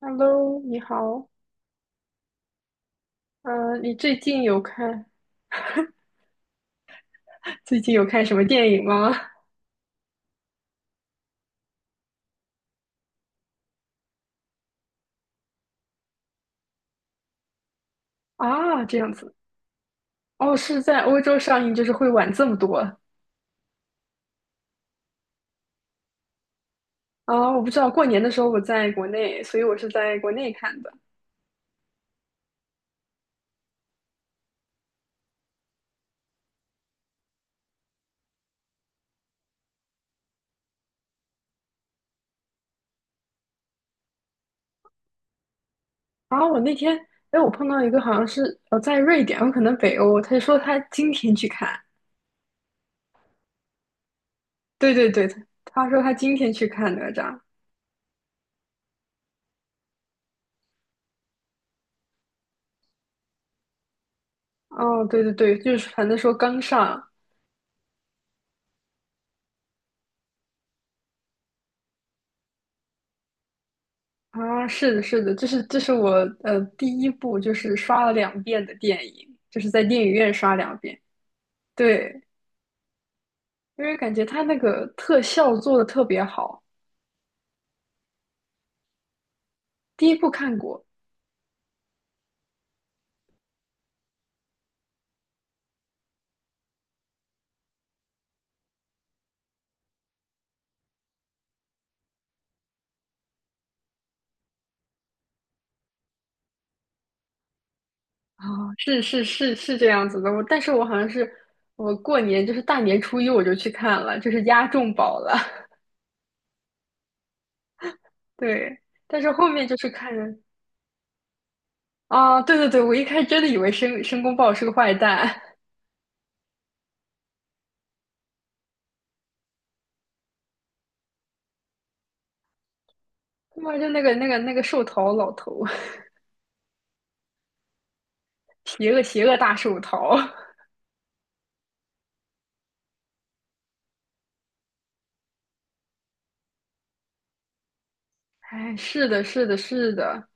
Hello，你好。你最近有看最近有看什么电影吗？啊，这样子。哦，是在欧洲上映，就是会晚这么多。啊，我不知道，过年的时候我在国内，所以我是在国内看的。啊，我那天，哎，我碰到一个好像是在瑞典，有可能北欧，他就说他今天去看。对对对，他说他今天去看哪吒。哦，对对对，就是反正说刚上。啊，是的，是的，这是我第一部就是刷了两遍的电影，就是在电影院刷两遍。对，因为感觉他那个特效做的特别好。第一部看过。啊，是是是是这样子的。我但是我好像是我过年就是大年初一我就去看了，就是押中宝了。对，但是后面就是看。啊，对对对，我一开始真的以为申公豹是个坏蛋，他妈就那个寿桃老头，邪恶邪恶大寿桃。哎，是的，是的，是的。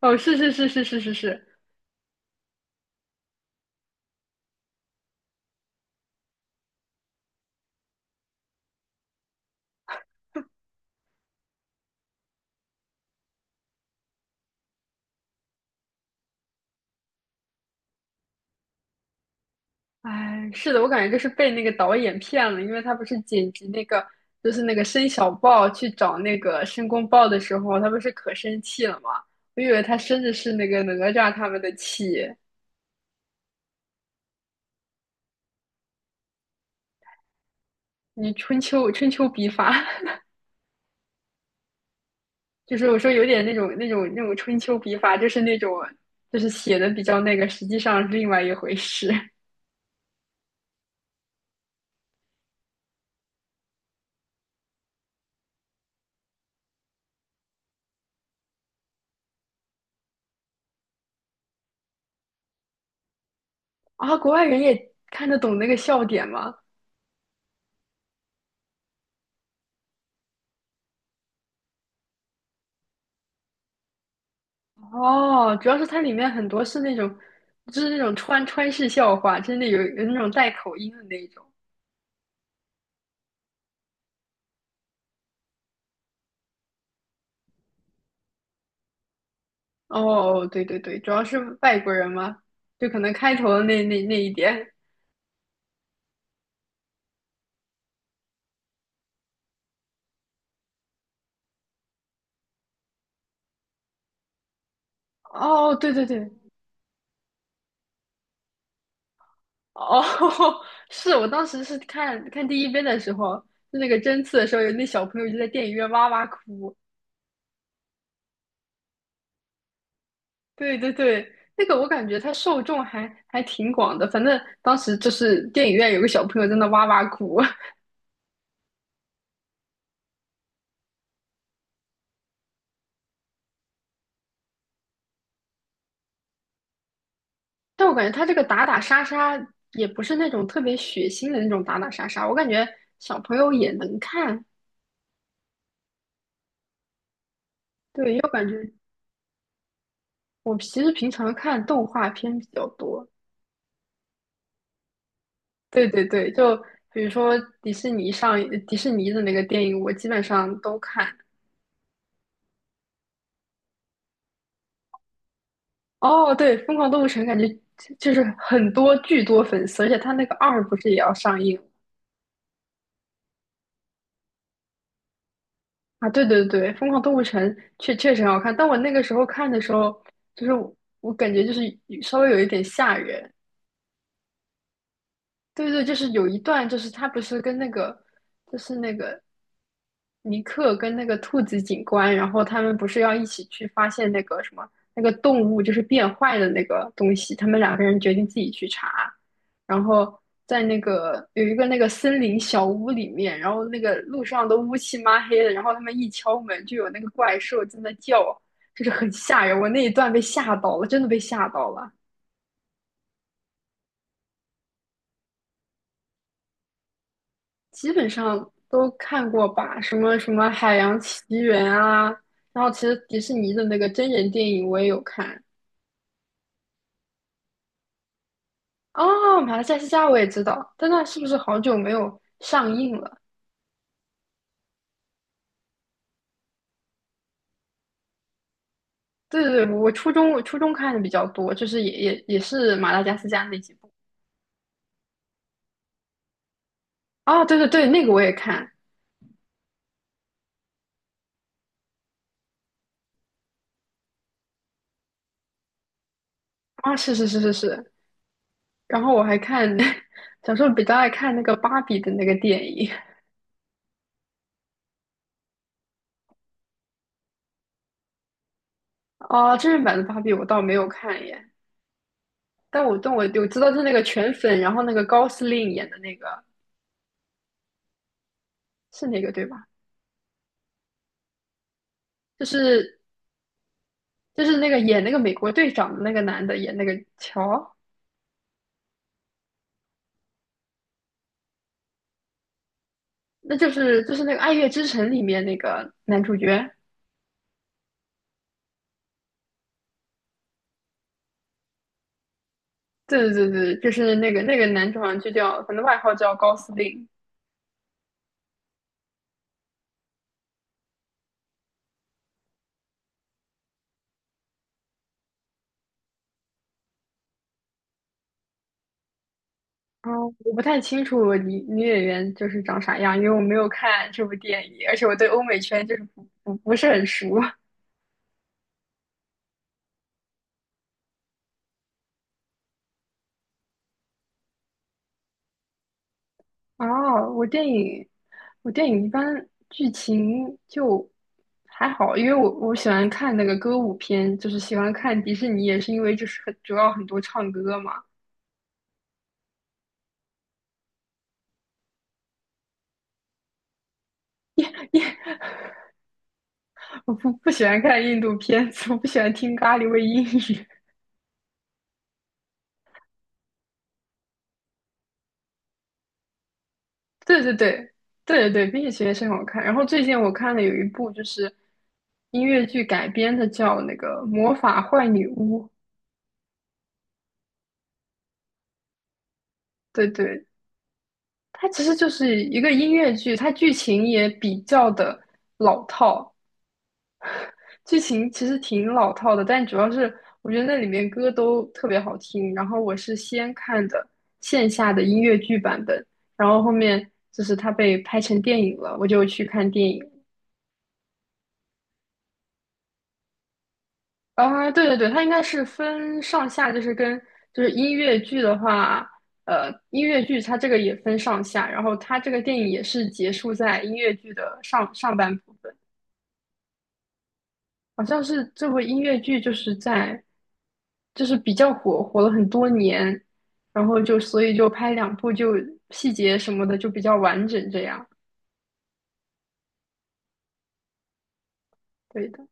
哦，是是是是是是是。哎，是的，我感觉就是被那个导演骗了，因为他不是剪辑那个，就是那个申小豹去找那个申公豹的时候，他不是可生气了吗？我以为他生的是那个哪吒他们的气，你春秋笔法，就是我说有点那种春秋笔法，就是那种就是写的比较那个，实际上是另外一回事。 啊。国外人也看得懂那个笑点吗？哦，主要是它里面很多是那种，就是那种川式笑话，真的有那种带口音的那一种。哦，对对对，主要是外国人嘛，就可能开头的那一点。哦，对对对。哦，是我当时是看第一遍的时候，就那个针刺的时候，有那小朋友就在电影院哇哇哭。对对对，那个我感觉它受众还挺广的，反正当时就是电影院有个小朋友在那哇哇哭。但我感觉他这个打打杀杀也不是那种特别血腥的那种打打杀杀，我感觉小朋友也能看。对，又感觉我其实平常看动画片比较多。对对对，就比如说迪士尼上迪士尼的那个电影，我基本上都看。哦，对，《疯狂动物城》感觉就是很多巨多粉丝，而且他那个二不是也要上映啊？对对对，《疯狂动物城》确实很好看，但我那个时候看的时候，就是我感觉就是稍微有一点吓人。对对，就是有一段，就是他不是跟那个，就是那个尼克跟那个兔子警官，然后他们不是要一起去发现那个什么那个动物就是变坏的那个东西，他们2个人决定自己去查，然后在那个有一个那个森林小屋里面，然后那个路上都乌漆嘛黑的，然后他们一敲门就有那个怪兽在那叫，就是很吓人，我那一段被吓到了，真的被吓到了。基本上都看过吧，什么什么《海洋奇缘》啊，然后其实迪士尼的那个真人电影我也有看。哦，马来加斯加我也知道，但那是不是好久没有上映了？对对对，我初中看的比较多，就是也是马达加斯加那几部。啊，对对对，那个我也看。啊，是是是是是。然后我还看，小时候比较爱看那个芭比的那个电影。啊，真人版的芭比我倒没有看耶。但我知道就是那个全粉，然后那个高司令演的那个是那个对吧？就是就是那个演那个美国队长的那个男的演那个乔，那就是那个《爱乐之城》里面那个男主角。对对对对，就是那个男主好像就叫，反正外号叫高司令。嗯，我不太清楚女演员就是长啥样，因为我没有看这部电影，而且我对欧美圈就是不是很熟。哦，我电影一般剧情就还好，因为我喜欢看那个歌舞片，就是喜欢看迪士尼，也是因为就是很主要很多唱歌嘛。因为我不喜欢看印度片子，我不喜欢听咖喱味英语。对对对对对对，《冰雪奇缘》是很好看。然后最近我看了有一部就是音乐剧改编的，叫那个《魔法坏女巫》。对对，它其实就是一个音乐剧，它剧情也比较的老套，剧情其实挺老套的，但主要是我觉得那里面歌都特别好听。然后我是先看的线下的音乐剧版本，然后后面就是它被拍成电影了，我就去看电影。啊，对对对，它应该是分上下，就是音乐剧的话，音乐剧它这个也分上下，然后它这个电影也是结束在音乐剧的上半部分。好像是这部音乐剧就是在，就是比较火了很多年，然后就所以就拍2部，就细节什么的就比较完整这样。对的。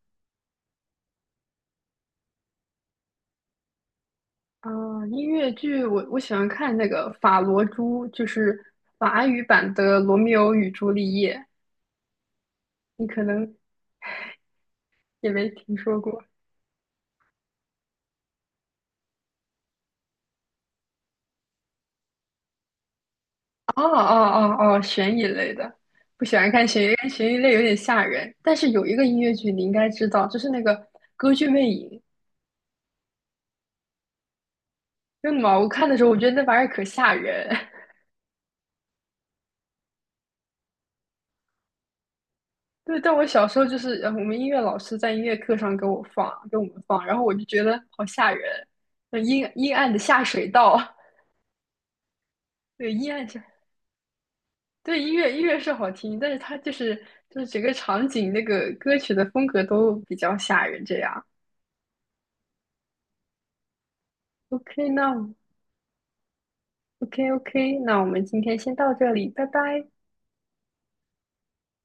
啊、音乐剧我喜欢看那个《法罗珠》，就是法语版的《罗密欧与朱丽叶》，你可能也没听说过。哦哦哦哦，悬疑类的，不喜欢看悬疑，因为悬疑类有点吓人。但是有一个音乐剧你应该知道，就是那个《歌剧魅影》。真的吗？我看的时候，我觉得那玩意儿可吓人。对，但我小时候就是我们音乐老师在音乐课上给我放，给我们放，然后我就觉得好吓人，那阴暗的下水道，对，阴暗下，对，音乐是好听，但是它就是整个场景那个歌曲的风格都比较吓人，这样。OK，OK OK，那我们今天先到这里，拜拜。